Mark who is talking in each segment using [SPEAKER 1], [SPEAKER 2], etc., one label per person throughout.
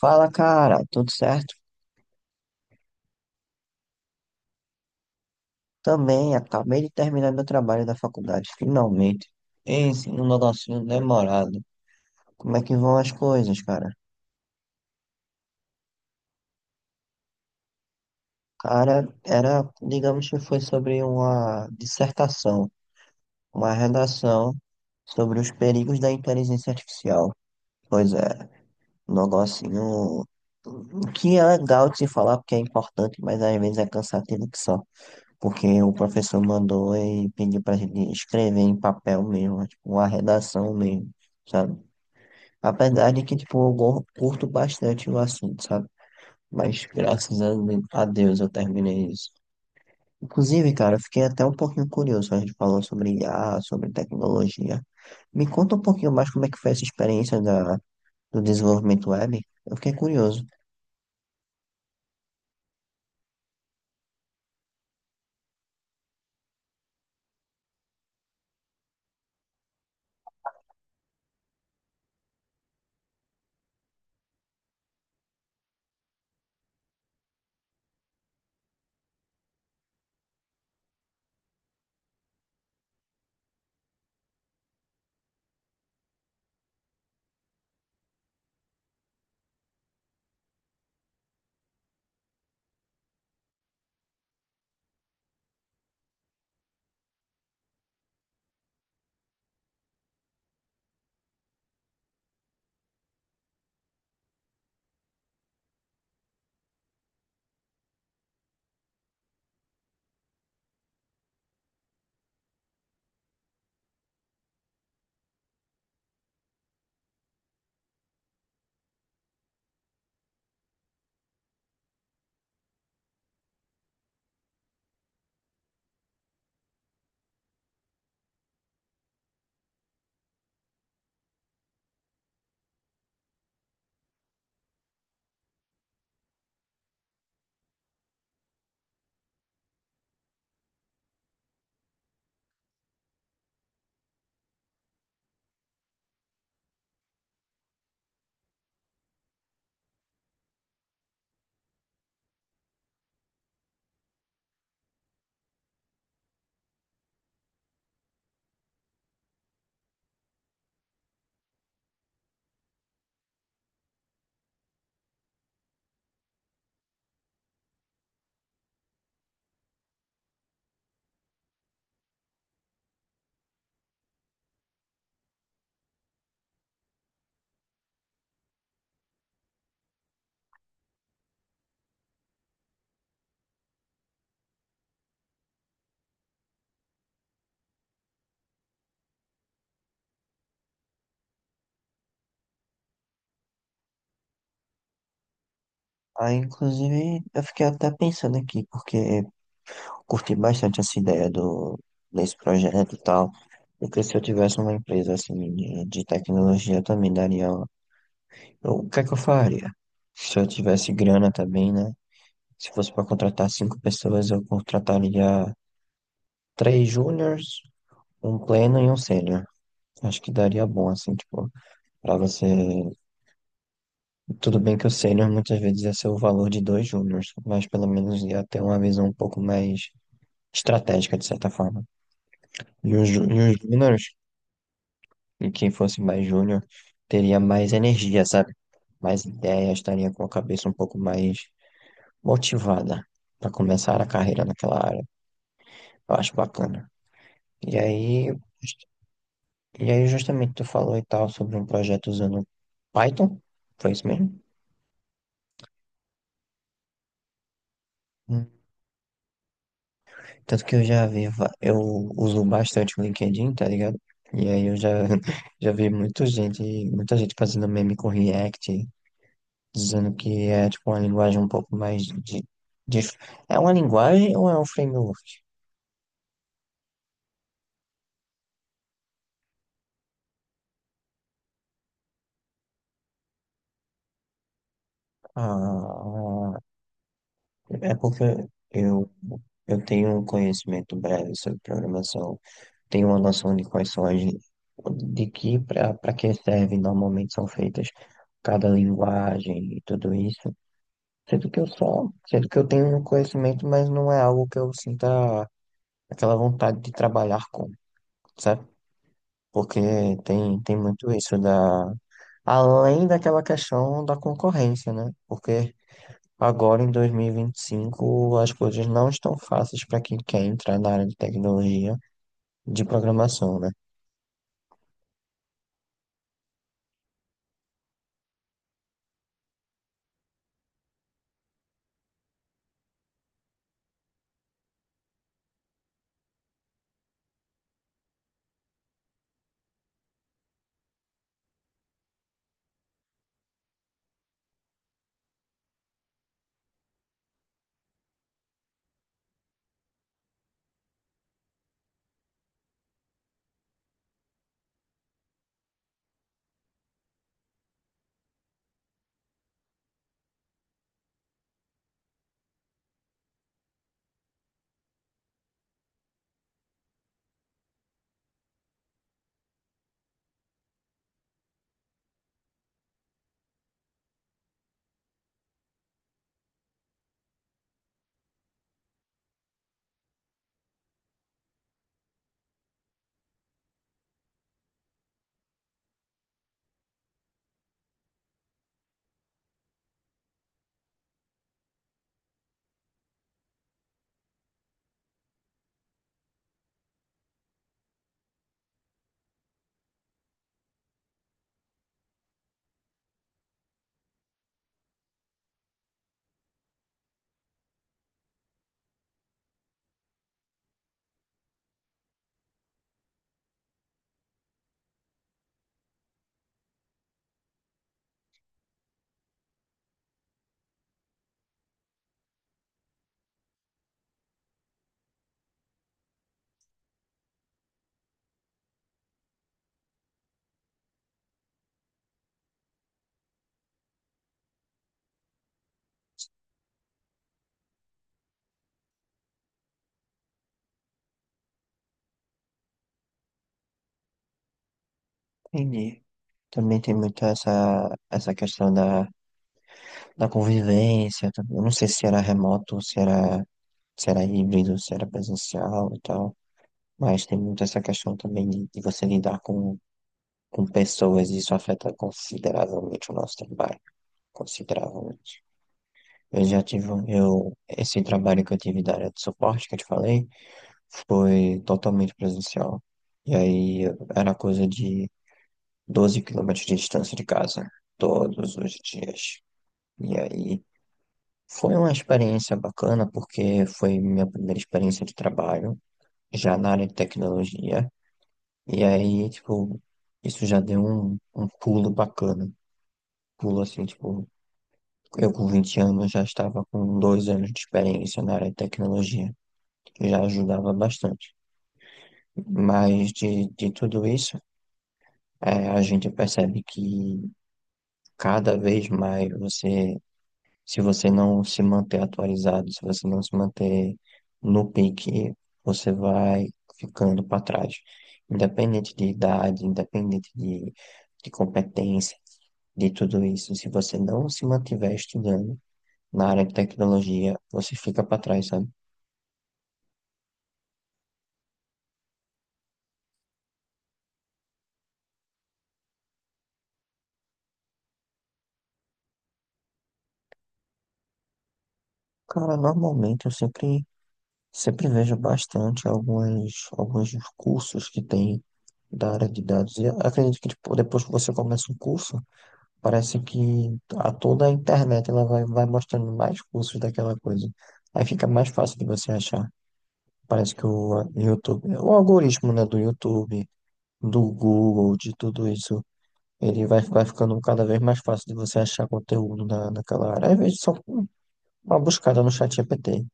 [SPEAKER 1] Fala, cara, tudo certo? Também, acabei de terminar meu trabalho da faculdade, finalmente. Esse, um negocinho demorado. Como é que vão as coisas, cara? Cara, era, digamos que foi sobre uma dissertação, uma redação sobre os perigos da inteligência artificial. Pois é, um negocinho que é legal de se falar porque é importante, mas às vezes é cansativo que só. Porque o professor mandou e pediu pra gente escrever em papel mesmo, tipo, uma redação mesmo, sabe? Apesar de que, tipo, eu curto bastante o assunto, sabe? Mas graças a Deus eu terminei isso. Inclusive, cara, eu fiquei até um pouquinho curioso. A gente falou sobre IA, sobre tecnologia. Me conta um pouquinho mais como é que foi essa experiência do desenvolvimento web. Eu fiquei curioso. Aí, inclusive, eu fiquei até pensando aqui, porque curti bastante essa ideia desse projeto e tal. Porque se eu tivesse uma empresa assim de tecnologia, eu também daria. O que é que eu faria? Se eu tivesse grana também, né? Se fosse para contratar cinco pessoas, eu contrataria três júniors, um pleno e um sênior. Acho que daria bom, assim, tipo, para você. Tudo bem que o sênior muitas vezes ia ser o valor de dois júniors, mas pelo menos ia ter uma visão um pouco mais estratégica, de certa forma. E os júniors. E quem fosse mais júnior teria mais energia, sabe? Mais ideia, estaria com a cabeça um pouco mais motivada para começar a carreira naquela área. Eu acho bacana. E aí, just- justamente tu falou e tal sobre um projeto usando Python, foi isso mesmo? Hum. Tanto que eu já vi, va- eu uso bastante o LinkedIn, tá ligado? E aí eu já vi muita gente, fazendo meme com React, dizendo que é tipo uma linguagem um pouco mais de- É uma linguagem ou é um framework? Ah, é porque eu, eu tenho um conhecimento breve sobre programação, tenho uma noção de quais são as, de que para que servem normalmente são feitas cada linguagem e tudo isso. Sendo que eu tenho um conhecimento, mas não é algo que eu sinta aquela vontade de trabalhar com, sabe? Porque tem muito isso da Além daquela questão da concorrência, né? Porque agora em 2025 as coisas não estão fáceis para quem quer entrar na área de tecnologia de programação, né? Entendi. Também tem muito essa questão da convivência. Tá? Eu não sei se era remoto, se era híbrido, se era presencial e tal. Mas tem muito essa questão também de você lidar com pessoas e isso afeta consideravelmente o nosso trabalho. Consideravelmente. Eu já tive, um- eu, esse trabalho que eu tive da área de suporte que eu te falei foi totalmente presencial. E aí era coisa de 12 quilômetros de distância de casa, todos os dias. E aí foi uma experiência bacana porque foi minha primeira experiência de trabalho, já na área de tecnologia. E aí, tipo, isso já deu um pulo bacana. Pulo assim, tipo, eu com 20 anos já estava com 2 anos de experiência na área de tecnologia, que já ajudava bastante. Mas de tudo isso, é, a gente percebe que cada vez mais você, se você não se manter atualizado, se você não se manter no pique, você vai ficando para trás. Independente de idade, independente de competência, de tudo isso, se você não se mantiver estudando na área de tecnologia, você fica para trás, sabe? Cara, normalmente eu sempre vejo bastante alguns cursos que tem da área de dados. E acredito que tipo, depois que você começa um curso, parece que a toda a internet ela vai mostrando mais cursos daquela coisa. Aí fica mais fácil de você achar. Parece que o YouTube, o algoritmo, né, do YouTube, do Google, de tudo isso, ele vai ficando cada vez mais fácil de você achar conteúdo na, naquela área. Às vezes só com uma buscada no chat GPT.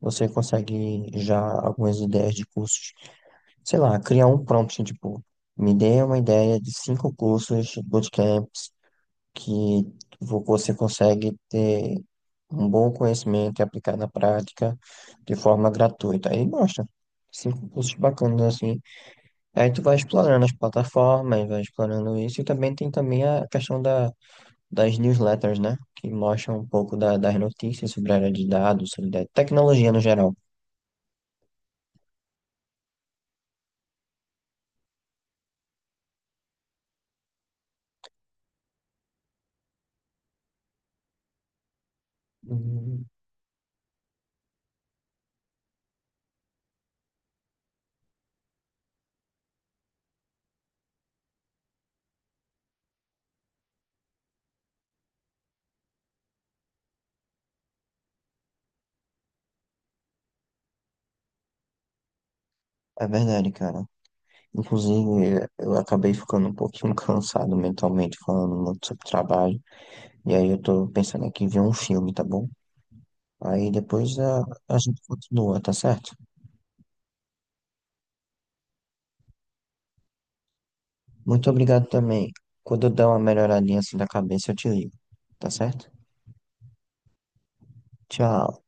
[SPEAKER 1] Você consegue já algumas ideias de cursos, sei lá, criar um prompt, assim, tipo, me dê uma ideia de cinco cursos, bootcamps, que você consegue ter um bom conhecimento e aplicar na prática de forma gratuita. Aí mostra cinco cursos bacanas assim. Aí tu vai explorando as plataformas, vai explorando isso, e também tem também a questão das newsletters, né? Que mostram um pouco das notícias sobre a área de dados, sobre a tecnologia no geral. Hum, É verdade, cara. Inclusive, eu acabei ficando um pouquinho cansado mentalmente falando muito sobre trabalho. E aí eu tô pensando aqui em ver um filme, tá bom? Aí depois a gente continua, tá certo? Muito obrigado também. Quando eu der uma melhoradinha assim da cabeça, eu te ligo, tá certo? Tchau.